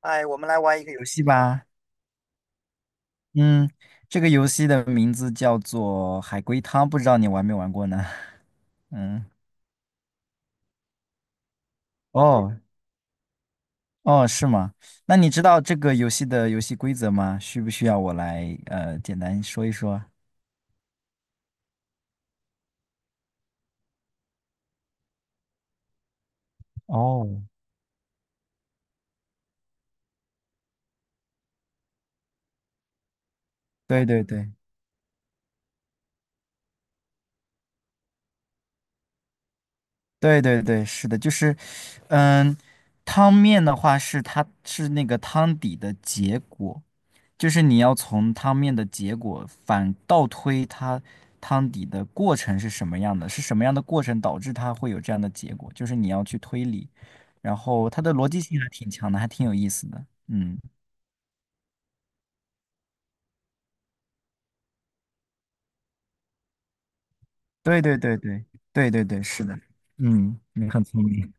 哎，我们来玩一个游戏吧。嗯，这个游戏的名字叫做海龟汤，不知道你玩没玩过呢？嗯，哦哦，是吗？那你知道这个游戏的游戏规则吗？需不需要我来简单说一说？哦，对对对对对对，是的，就是，嗯，汤面的话是它是那个汤底的结果，就是你要从汤面的结果反倒推它汤底的过程是什么样的，是什么样的过程导致它会有这样的结果，就是你要去推理，然后它的逻辑性还挺强的，还挺有意思的。嗯，对对对对对对对，是的，嗯，你很聪明。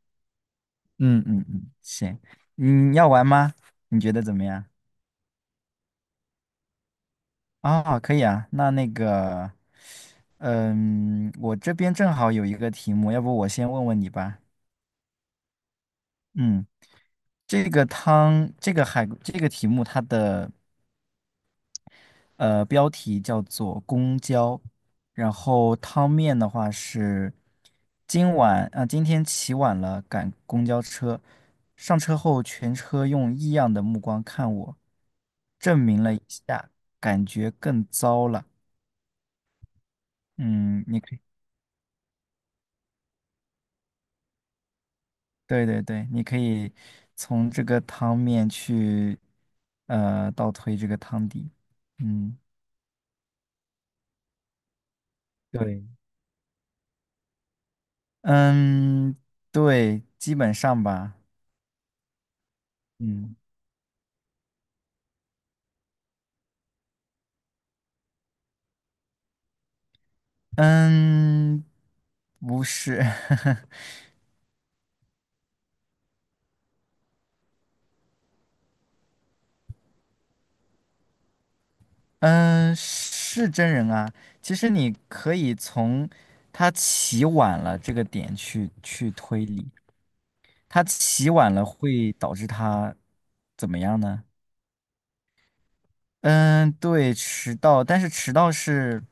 嗯嗯嗯，行，你要玩吗？你觉得怎么样？啊、可以啊，那个，嗯，我这边正好有一个题目，要不我先问问你吧。嗯。这个汤，这个海，这个题目它的标题叫做“公交”，然后汤面的话是今天起晚了赶公交车，上车后全车用异样的目光看我，证明了一下，感觉更糟了。嗯，你可以，对对对，你可以从这个汤面去倒推这个汤底。嗯，对。嗯，对，基本上吧。嗯嗯，不是，嗯，是真人啊。其实你可以从他起晚了这个点去推理，他起晚了会导致他怎么样呢？嗯，对，迟到，但是迟到是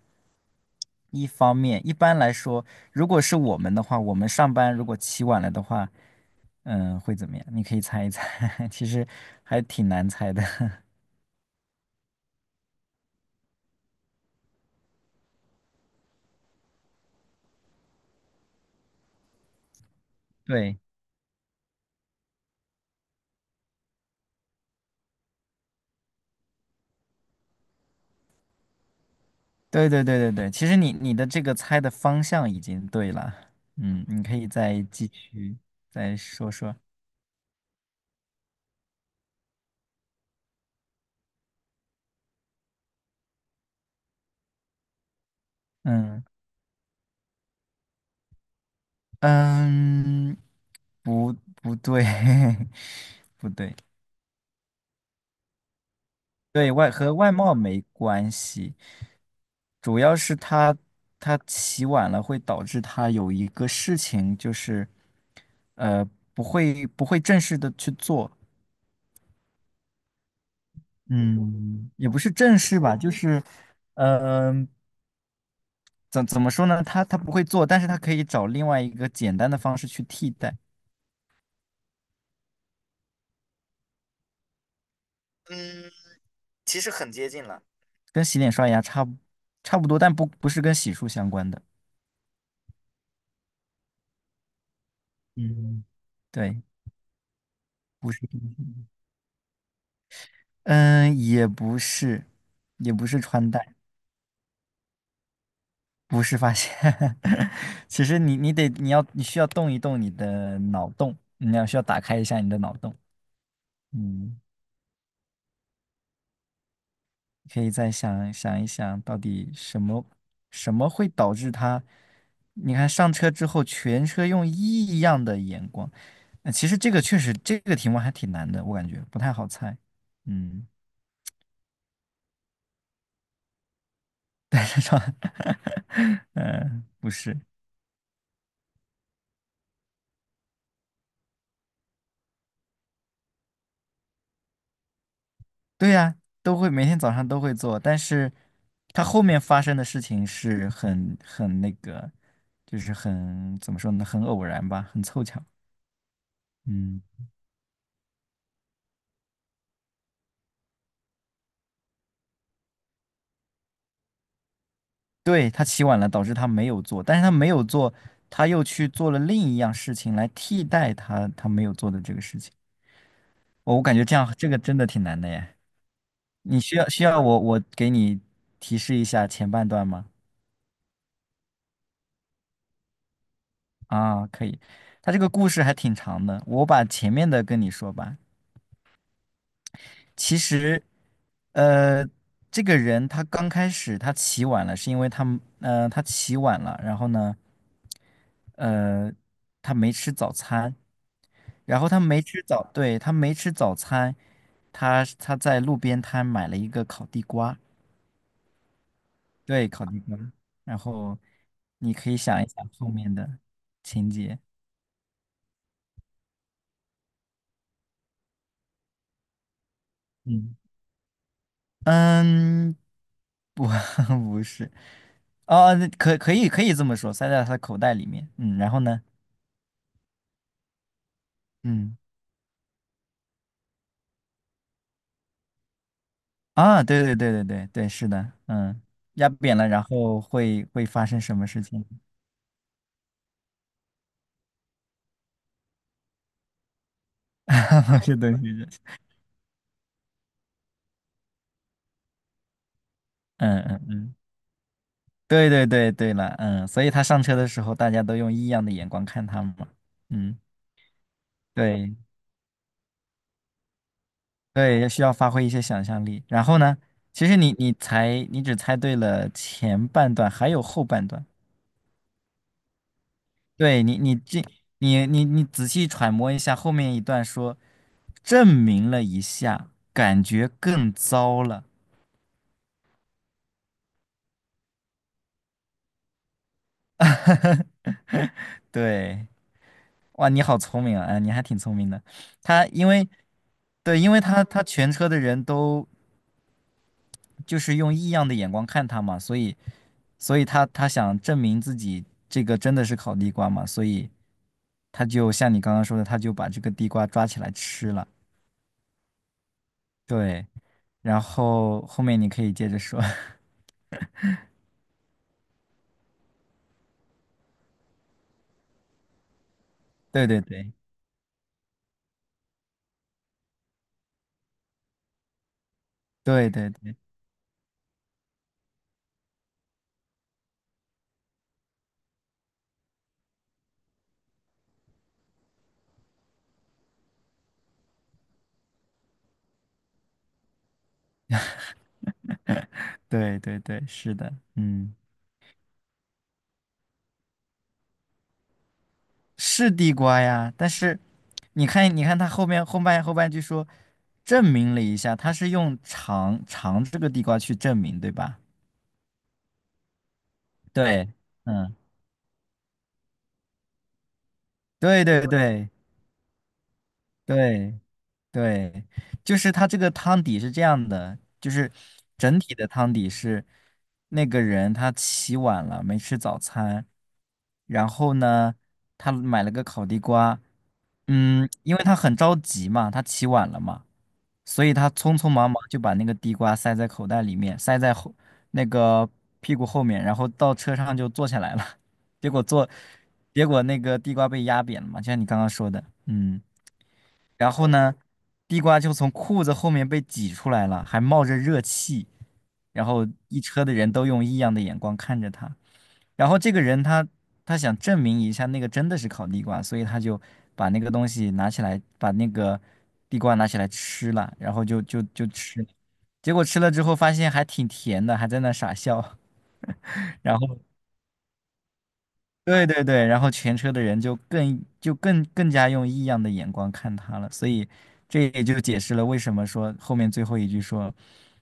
一方面。一般来说，如果是我们的话，我们上班如果起晚了的话，嗯，会怎么样？你可以猜一猜，其实还挺难猜的。对，对对对对对，其实你的这个猜的方向已经对了。嗯，你可以再继续再说说。嗯嗯，不不对，不对。对外和外貌没关系，主要是他起晚了会导致他有一个事情就是，呃，不会正式的去做，嗯，也不是正式吧，就是，嗯、怎么说呢？他不会做，但是他可以找另外一个简单的方式去替代，嗯，其实很接近了。跟洗脸刷牙差不多，但不是跟洗漱相关的，嗯，对，不是。嗯，也不是，也不是穿戴，不是发现。其实你需要动一动你的脑洞，你需要打开一下你的脑洞。嗯，可以再想想一想，到底什么什么会导致他？你看上车之后，全车用异样的眼光。那其实这个确实这个题目还挺难的，我感觉不太好猜。嗯，嗯，不是。对呀，都会每天早上都会做，但是他后面发生的事情是很那个，就是很怎么说呢，很偶然吧，很凑巧。嗯，对，他起晚了，导致他没有做，但是他没有做，他又去做了另一样事情来替代他没有做的这个事情。我感觉这样这个真的挺难的耶。你需要我给你提示一下前半段吗？啊，可以。他这个故事还挺长的，我把前面的跟你说吧。其实，呃，这个人他刚开始他起晚了，是因为他起晚了，然后呢，呃，他没吃早餐，然后他没吃早，对，他没吃早餐，他在路边摊买了一个烤地瓜，对，烤地瓜，然后你可以想一想后面的情节，嗯嗯，不 不是，哦，可以这么说，塞在他的口袋里面，嗯，然后呢，嗯。啊，对对对对对对，是的，嗯，压扁了，然后会发生什么事情？是的，是的，嗯嗯嗯，对对对对了，嗯，所以他上车的时候，大家都用异样的眼光看他嘛，嗯，对对，需要发挥一些想象力。然后呢，其实你只猜对了前半段，还有后半段。对你你这你你你仔细揣摩一下后面一段说，证明了一下，感觉更糟了。对，哇，你好聪明啊！哎，你还挺聪明的。他因为，对，因为全车的人都就是用异样的眼光看他嘛，所以他想证明自己这个真的是烤地瓜嘛，所以他就像你刚刚说的，他就把这个地瓜抓起来吃了。对，然后后面你可以接着说。对对对对对对对对对，是的，嗯。是地瓜呀，但是你看他后面后半句说，证明了一下，他是用尝尝这个地瓜去证明，对吧？对，嗯，对对对对对，就是他这个汤底是这样的，就是整体的汤底是那个人他起晚了，没吃早餐，然后呢，他买了个烤地瓜，嗯，因为他很着急嘛，他起晚了嘛。所以他匆匆忙忙就把那个地瓜塞在口袋里面，塞在后那个屁股后面，然后到车上就坐下来了。结果坐，结果那个地瓜被压扁了嘛，就像你刚刚说的，嗯。然后呢，地瓜就从裤子后面被挤出来了，还冒着热气，然后一车的人都用异样的眼光看着他。然后这个人他想证明一下那个真的是烤地瓜，所以他就把那个东西拿起来，把那个地瓜拿起来吃了，然后就吃了，结果吃了之后发现还挺甜的，还在那傻笑。然后对对对，然后全车的人就更就更更加用异样的眼光看他了，所以这也就解释了为什么说后面最后一句说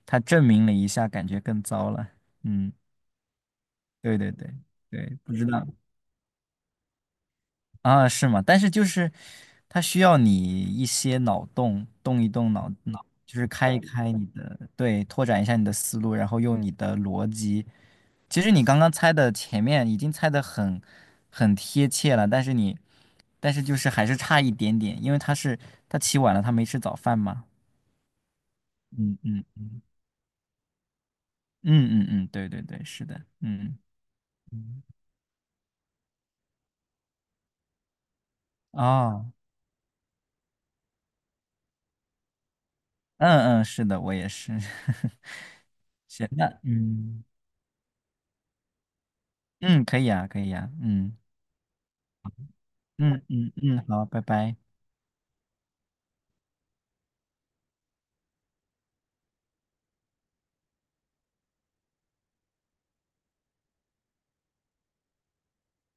他证明了一下，感觉更糟了。嗯，对对对对，不知道。啊，是吗？但是就是它需要你一些脑洞，动一动脑，就是开一开你的，对，拓展一下你的思路，然后用你的逻辑。其实你刚刚猜的前面已经猜的很贴切了，但是还是差一点点，因为他起晚了，他没吃早饭嘛。嗯嗯嗯嗯嗯，对对对，是的，嗯嗯哦，嗯嗯，是的，我也是。行，那嗯嗯，可以啊，可以啊，嗯。嗯嗯嗯，好，拜拜。